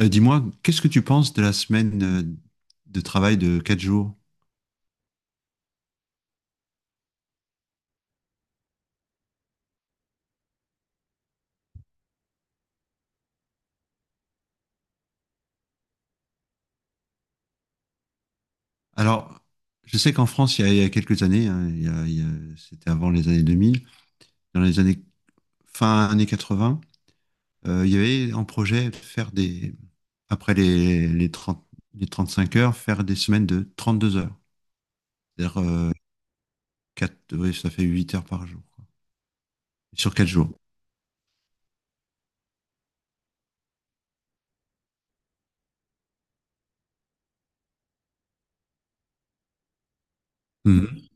Dis-moi, qu'est-ce que tu penses de la semaine de travail de 4 jours? Alors, je sais qu'en France, il y a quelques années, hein, c'était avant les années 2000, dans les années fin années 80, il y avait en projet de faire des, après les 35 heures, faire des semaines de 32 heures. C'est-à-dire, ouais, ça fait 8 heures par jour, quoi, sur 4 jours. Mhm.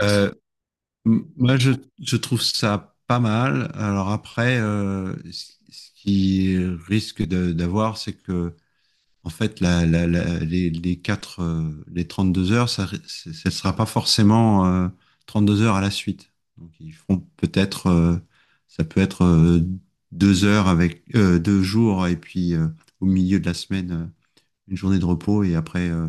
Euh, Moi, je trouve ça pas mal. Alors après, ce qui d'avoir, c'est que, en fait, les deux heures, ça sera pas forcément deux heures à la suite. Donc, ils feront peut-être, ça peut être deux heures avec, deux jours, et puis au milieu de la semaine, une journée de repos et après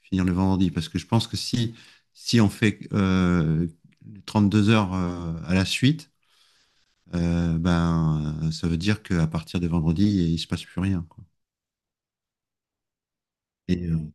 finir le vendredi. Parce que je pense que si on fait deux heures à la suite, ça veut dire qu'à partir de vendredi, il se passe plus rien, quoi. Et, euh,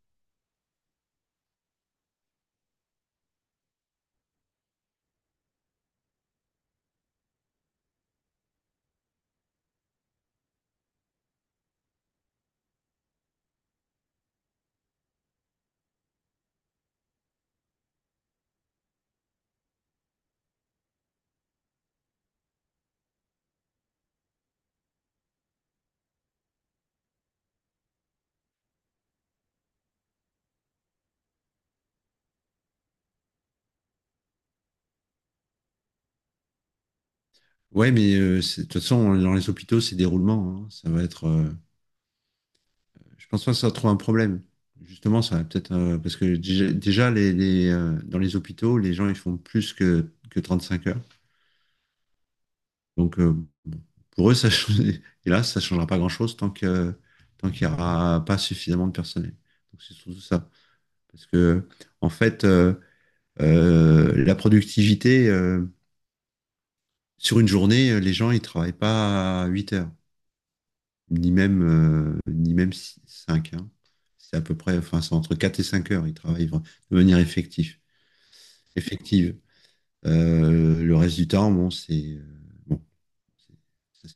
ouais, mais de toute façon, dans les hôpitaux, c'est des roulements, hein. Je pense pas que ça trouve un problème. Justement, parce que déjà, dans les hôpitaux, les gens, ils font plus que 35 heures. Donc, pour eux, hélas, ça changera pas grand-chose tant qu'il n'y aura pas suffisamment de personnel. Donc, c'est surtout ça. Parce que, en fait, la productivité, sur une journée, les gens, ils travaillent pas 8 heures, ni même cinq, hein. C'est à peu près, enfin, c'est entre 4 et 5 heures, ils de manière effective. Le reste du temps, bon, c'est- c'est-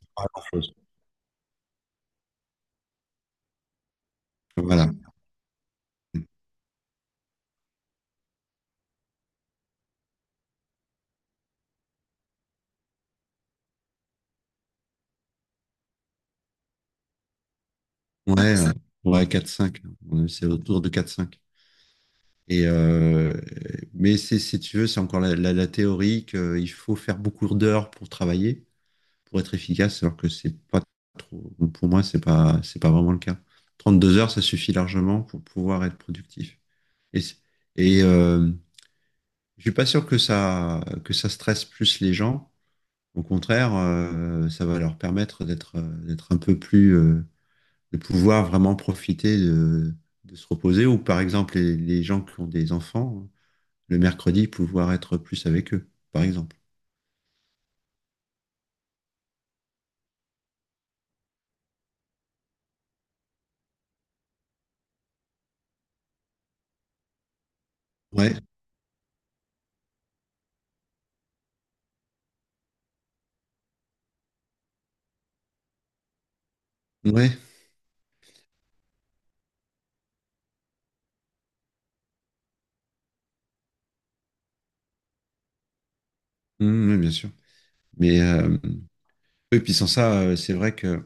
voilà. Ouais, ouais, 4-5. Ouais, quatre cinq. À mon avis, c'est autour de quatre cinq. Et euh, mais c'est, si tu veux, c'est encore la théorie qu'il faut faire beaucoup d'heures pour travailler, pour être efficace, alors que c'est pas trop. Pour moi, c'est pas vraiment le cas. 32 heures, ça suffit largement pour pouvoir être productif. Et, c'est- et euh, je suis pas sûr que ça stresse plus les gens. Au contraire, ça va leur permettre d'être un peu plus, de pouvoir vraiment profiter de se reposer, ou par exemple les gens qui ont des enfants, le mercredi, pouvoir être plus avec eux, par exemple. Ouais, ouais, mm, oui, bien sûr. Mais euh, et puis sans ça, c'est vrai que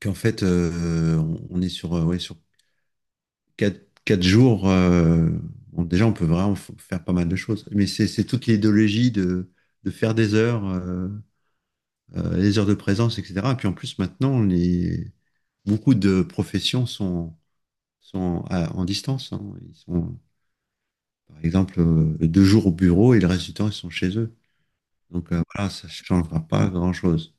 qu'en fait, on est sur, ouais, sur quatre, quatre jours. Bon, déjà, on peut vraiment faire pas mal de choses. Mais c'est toute l'idéologie de faire des heures, les heures de présence, etc. Et puis en plus, maintenant, beaucoup de professions en distance, hein. Ils sont, par exemple, deux jours au bureau et le reste du temps, ils sont chez eux. Donc, voilà, ça ne changera pas grand-chose.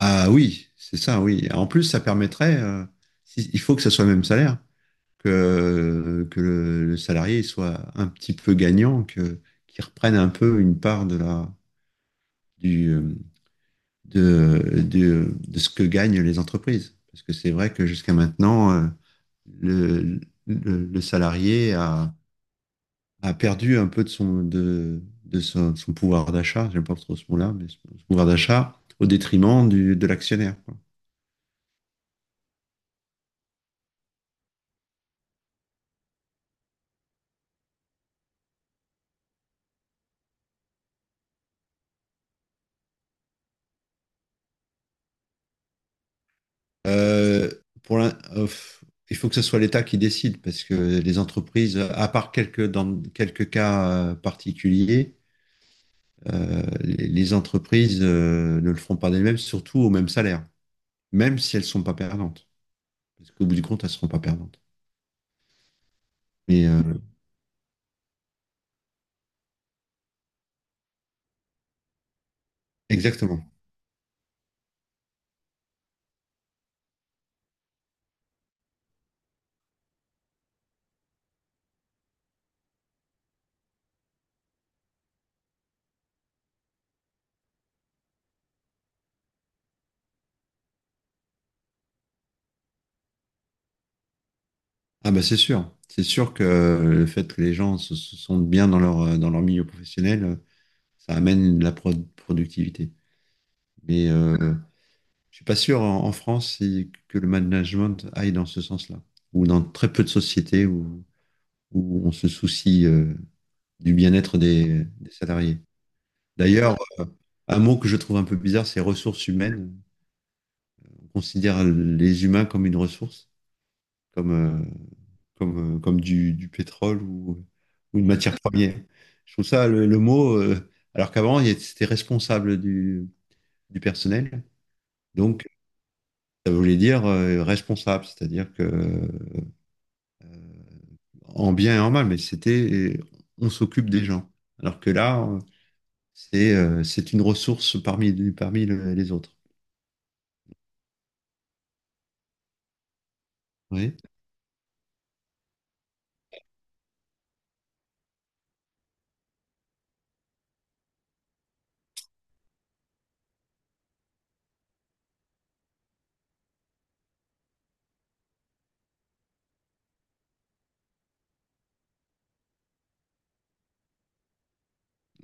Ah oui, c'est ça, oui. En plus, ça permettrait, il faut que ça soit le même salaire, que le salarié il soit un petit peu gagnant, qu'il reprenne un peu une part de la, du, de ce que gagnent les entreprises. Parce que c'est vrai que jusqu'à maintenant, le, le salarié a perdu un peu de son, son pouvoir d'achat, j'aime pas trop ce mot-là, mais son pouvoir d'achat au détriment de l'actionnaire, quoi. Euh, pour l'in- euh, f- il faut que ce soit l'État qui décide parce que les entreprises, dans quelques cas particuliers, les entreprises ne le feront pas d'elles-mêmes, surtout au même salaire, même si elles sont pas perdantes. Parce qu'au bout du compte, elles seront pas perdantes. Mais euh, Exactement. Ah bah c'est sûr que le fait que les gens se sentent bien dans dans leur milieu professionnel, ça amène de la productivité. Mais euh, je suis pas sûr en France que le management aille dans ce sens-là, ou dans très peu de sociétés où on se soucie du bien-être des salariés. D'ailleurs, un mot que je trouve un peu bizarre, c'est ressources humaines. On considère les humains comme une ressource, comme, euh, comme du pétrole ou une matière première. Je trouve ça le mot, alors qu'avant, c'était responsable du personnel. Donc, ça voulait dire responsable, c'est-à-dire que en bien et en mal, mais c'était on s'occupe des gens. Alors que là, c'est une ressource parmi les autres. Oui,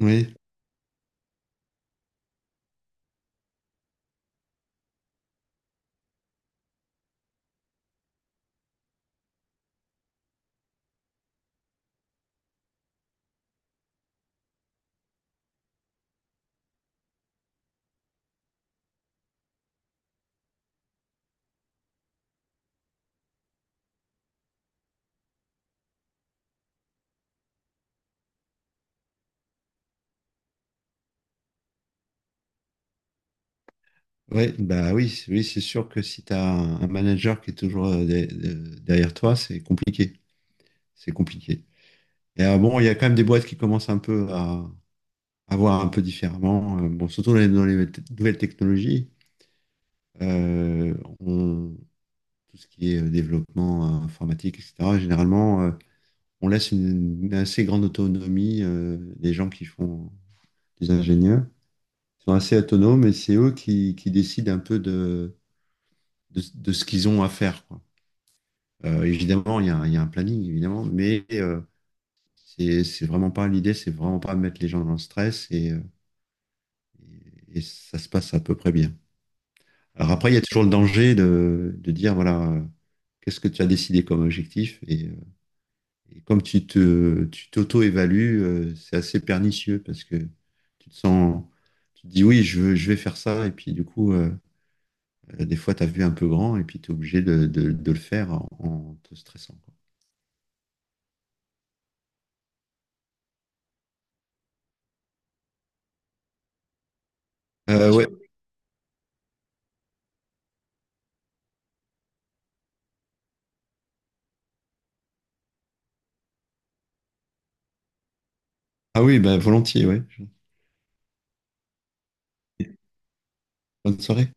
oui. Oui bah oui, oui, c'est sûr que si tu as un manager qui est toujours derrière toi, c'est compliqué. C'est compliqué. Bon, il y a quand même des boîtes qui commencent un peu à voir un peu différemment. Bon, surtout dans dans les nouvelles technologies, euh, on- tout ce qui est développement informatique, etc. Généralement, on laisse une assez grande autonomie des gens qui font des ingénieurs. Ils sont assez autonomes et c'est eux qui décident un peu de ce qu'ils ont à faire, quoi. Évidemment, il y a un planning, évidemment, mais c'est vraiment pas l'idée, c'est vraiment pas mettre les gens dans le stress et ça se passe à peu près bien. Alors après, il y a toujours le danger de dire, voilà, qu'est-ce que tu as décidé comme objectif? Et comme tu t'auto-évalues, c'est assez pernicieux parce que tu te sens, tu te dis, oui, je vais faire ça. Et puis du coup, des fois, tu as vu un peu grand et puis tu es obligé de le faire en te stressant, quoi. Ouais. Ah oui, bah, volontiers, ouais. Bonne soirée.